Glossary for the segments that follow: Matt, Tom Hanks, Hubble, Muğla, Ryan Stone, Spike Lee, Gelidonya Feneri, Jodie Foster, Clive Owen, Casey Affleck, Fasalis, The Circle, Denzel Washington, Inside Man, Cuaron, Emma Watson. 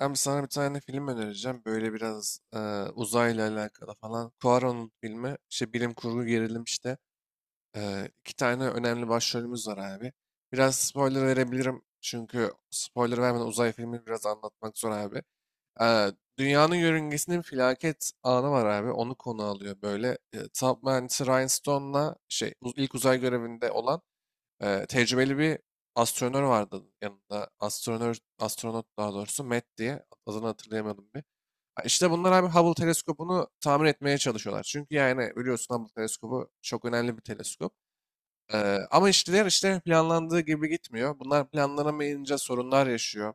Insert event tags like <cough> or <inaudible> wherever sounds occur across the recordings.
Abi sana bir tane film önereceğim. Böyle biraz uzayla alakalı falan. Cuaron'un filmi. İşte bilim kurgu gerilim işte. İki tane önemli başrolümüz var abi. Biraz spoiler verebilirim. Çünkü spoiler vermeden uzay filmini biraz anlatmak zor abi. E, Dünyanın yörüngesinde bir felaket anı var abi. Onu konu alıyor böyle. Top mühendisi Ryan Stone'la ilk uzay görevinde olan tecrübeli bir astronör vardı yanında. Astronör, astronot daha doğrusu Matt diye. Adını hatırlayamadım bir. Ha, İşte bunlar abi Hubble teleskopunu tamir etmeye çalışıyorlar. Çünkü yani biliyorsun Hubble teleskobu çok önemli bir teleskop. Ama işler işte planlandığı gibi gitmiyor. Bunlar planlanamayınca sorunlar yaşıyor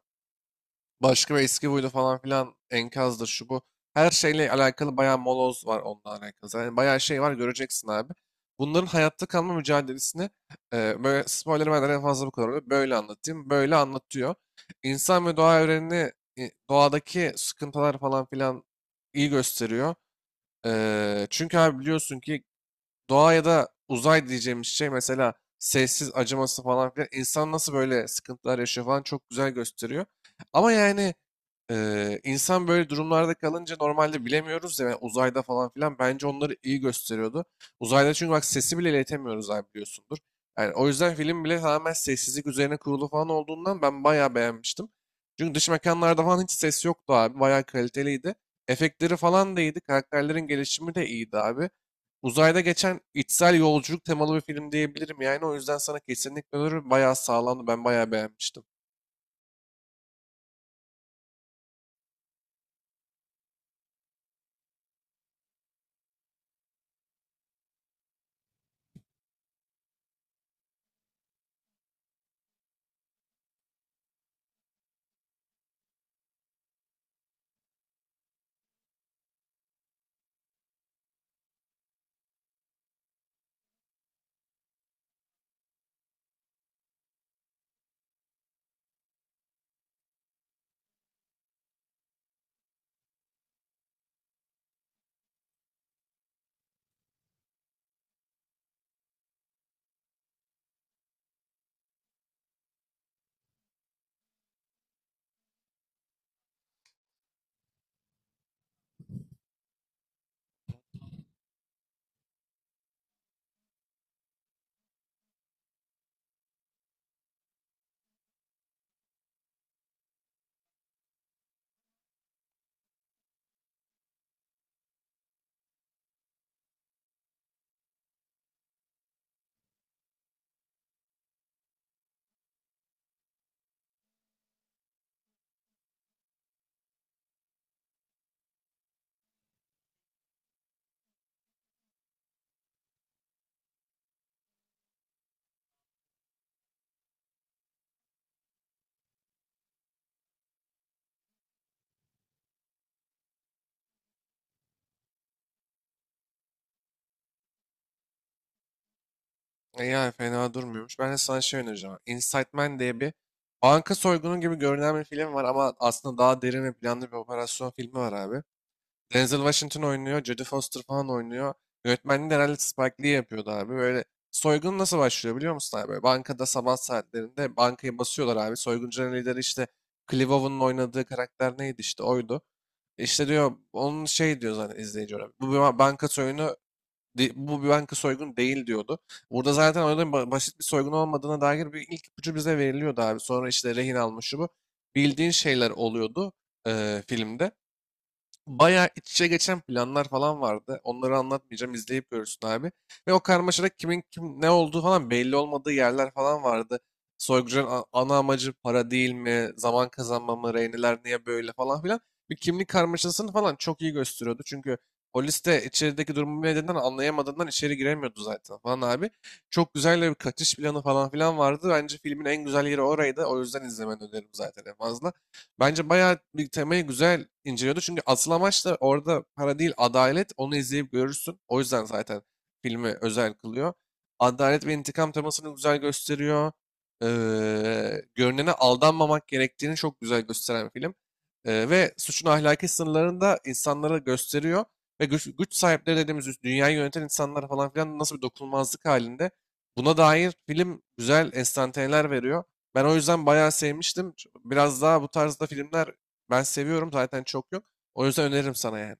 başka bir eski huylu falan filan enkazdır şu bu. Her şeyle alakalı bayağı moloz var onunla alakalı. Yani bayağı şey var göreceksin abi. Bunların hayatta kalma mücadelesini böyle spoiler vermeden en fazla bu kadar oluyor. Böyle anlatayım. Böyle anlatıyor. İnsan ve doğa evrenini, doğadaki sıkıntılar falan filan iyi gösteriyor. Çünkü abi biliyorsun ki doğa ya da uzay diyeceğimiz şey mesela sessiz acıması falan filan insan nasıl böyle sıkıntılar yaşıyor falan çok güzel gösteriyor. Ama yani insan böyle durumlarda kalınca normalde bilemiyoruz ya, yani uzayda falan filan bence onları iyi gösteriyordu. Uzayda çünkü bak sesi bile iletemiyoruz abi, biliyorsundur. Yani o yüzden film bile tamamen sessizlik üzerine kurulu falan olduğundan ben bayağı beğenmiştim. Çünkü dış mekanlarda falan hiç ses yoktu abi. Bayağı kaliteliydi. Efektleri falan da iyiydi. Karakterlerin gelişimi de iyiydi abi. Uzayda geçen içsel yolculuk temalı bir film diyebilirim yani. O yüzden sana kesinlikle öneririm. Bayağı sağlamdı. Ben bayağı beğenmiştim. E yani fena durmuyormuş. Ben de sana şey önereceğim. Inside Man diye bir banka soygunu gibi görünen bir film var ama aslında daha derin ve planlı bir operasyon filmi var abi. Denzel Washington oynuyor. Jodie Foster falan oynuyor. Yönetmenliği de herhalde Spike Lee yapıyordu abi. Böyle soygun nasıl başlıyor biliyor musun abi? Böyle bankada sabah saatlerinde bankayı basıyorlar abi. Soyguncuların lideri işte Clive Owen'ın oynadığı karakter neydi, işte oydu. İşte diyor onun şey diyor zaten izleyici olarak. Banka soygunu bu bir banka soygunu değil diyordu. Burada zaten olayın basit bir soygun olmadığına dair bir ilk ipucu bize veriliyordu abi. Sonra işte rehin almış şu bu. Bildiğin şeyler oluyordu filmde. Bayağı iç içe geçen planlar falan vardı. Onları anlatmayacağım, izleyip görürsün abi. Ve o karmaşada kimin kim ne olduğu falan belli olmadığı yerler falan vardı. Soygucunun ana amacı para değil mi? Zaman kazanma mı? Reyneler niye böyle falan filan. Bir kimlik karmaşasını falan çok iyi gösteriyordu. Çünkü polis de içerideki durumu nedeninden anlayamadığından içeri giremiyordu zaten falan abi. Çok güzel bir kaçış planı falan filan vardı. Bence filmin en güzel yeri oraydı. O yüzden izlemeni öneririm zaten en fazla. Bence bayağı bir temayı güzel inceliyordu. Çünkü asıl amaç da orada para değil, adalet. Onu izleyip görürsün. O yüzden zaten filmi özel kılıyor. Adalet ve intikam temasını güzel gösteriyor. Ee, Görünene aldanmamak gerektiğini çok güzel gösteren film. Ve suçun ahlaki sınırlarını da insanlara gösteriyor. Ve güç, güç sahipleri dediğimiz üst- dünyayı yöneten insanlar falan filan nasıl bir dokunulmazlık halinde. Buna dair film güzel enstantaneler veriyor. Ben o yüzden bayağı sevmiştim. Biraz daha bu tarzda filmler ben seviyorum. Zaten çok yok. O yüzden öneririm sana yani.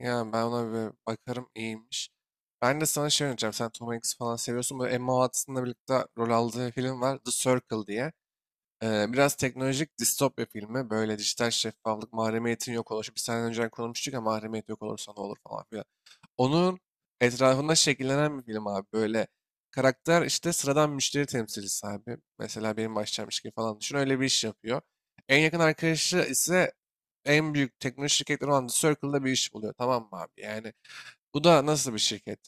Yani ben ona bir bakarım, iyiymiş. Ben de sana şey önereceğim. Sen Tom Hanks falan seviyorsun. Böyle Emma Watson'la birlikte rol aldığı film var, The Circle diye. Biraz teknolojik distopya filmi. Böyle dijital şeffaflık, mahremiyetin yok oluşu. Biz senden önce konuşmuştuk ya, mahremiyet yok olursa ne olur falan filan. Onun etrafında şekillenen bir film abi. Böyle karakter işte sıradan müşteri temsilcisi abi. Mesela benim başlamış gibi falan düşün. Öyle bir iş yapıyor. En yakın arkadaşı ise en büyük teknoloji şirketleri olan The Circle'da bir iş buluyor. Tamam mı abi? Yani bu da nasıl bir şirket?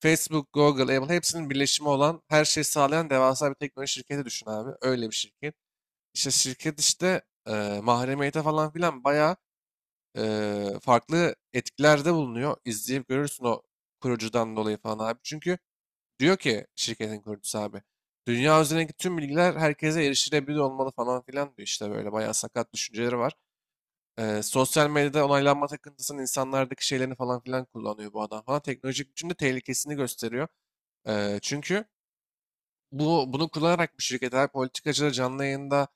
Facebook, Google, Apple hepsinin birleşimi olan her şeyi sağlayan devasa bir teknoloji şirketi düşün abi. Öyle bir şirket. İşte şirket işte mahremiyete falan filan bayağı farklı etkilerde bulunuyor. İzleyip görürsün o kurucudan dolayı falan abi. Çünkü diyor ki şirketin kurucusu abi. Dünya üzerindeki tüm bilgiler herkese erişilebilir olmalı falan filan diyor, işte böyle bayağı sakat düşünceleri var. Sosyal medyada onaylanma takıntısının insanlardaki şeylerini falan filan kullanıyor bu adam falan. Teknolojik biçimde tehlikesini gösteriyor. Çünkü bunu kullanarak bu şirketler politikacıları canlı yayında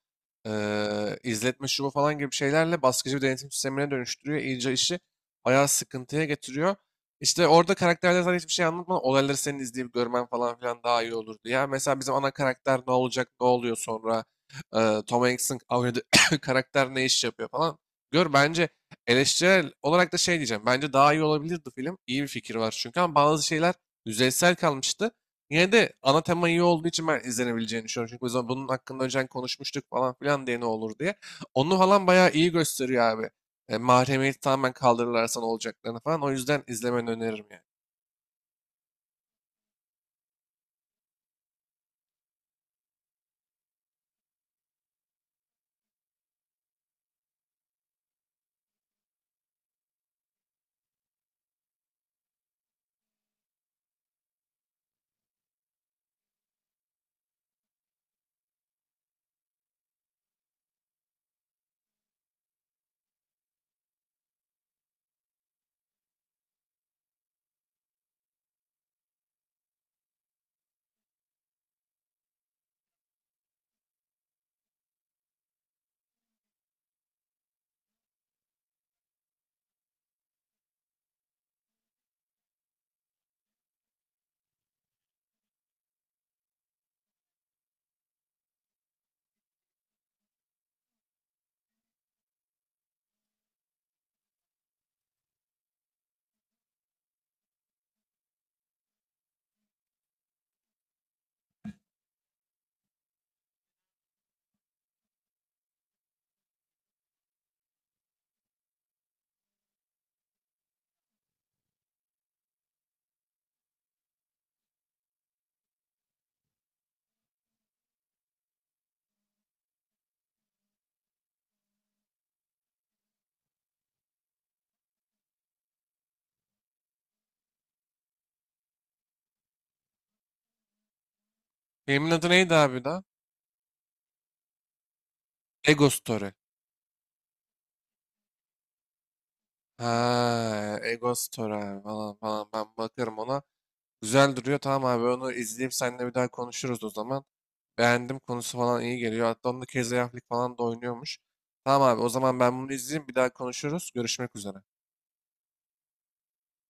izletme şu bu falan gibi şeylerle baskıcı bir denetim sistemine dönüştürüyor. İyice işi bayağı sıkıntıya getiriyor. İşte orada karakterler zaten hiçbir şey anlatmadan olayları senin izleyip görmen falan filan daha iyi olurdu. Ya mesela bizim ana karakter ne olacak, ne oluyor sonra? Tom Hanks'in oynadığı <coughs> karakter ne iş yapıyor falan. Gör bence, eleştirel olarak da şey diyeceğim. Bence daha iyi olabilirdi film. İyi bir fikir var çünkü ama bazı şeyler yüzeysel kalmıştı. Yine de ana tema iyi olduğu için ben izlenebileceğini düşünüyorum. Çünkü biz bunun hakkında önceden konuşmuştuk falan filan diye ne olur diye. Onu falan bayağı iyi gösteriyor abi. E, mahremiyeti tamamen kaldırırlarsa ne olacaklarını falan. O yüzden izlemeni öneririm yani. Filmin adı neydi abi daha? Ego Story. Ha, Ego Story abi falan falan. Ben bakarım ona. Güzel duruyor. Tamam abi, onu izleyip seninle bir daha konuşuruz o zaman. Beğendim, konusu falan iyi geliyor. Hatta onda Casey Affleck falan da oynuyormuş. Tamam abi, o zaman ben bunu izleyeyim, bir daha konuşuruz. Görüşmek üzere.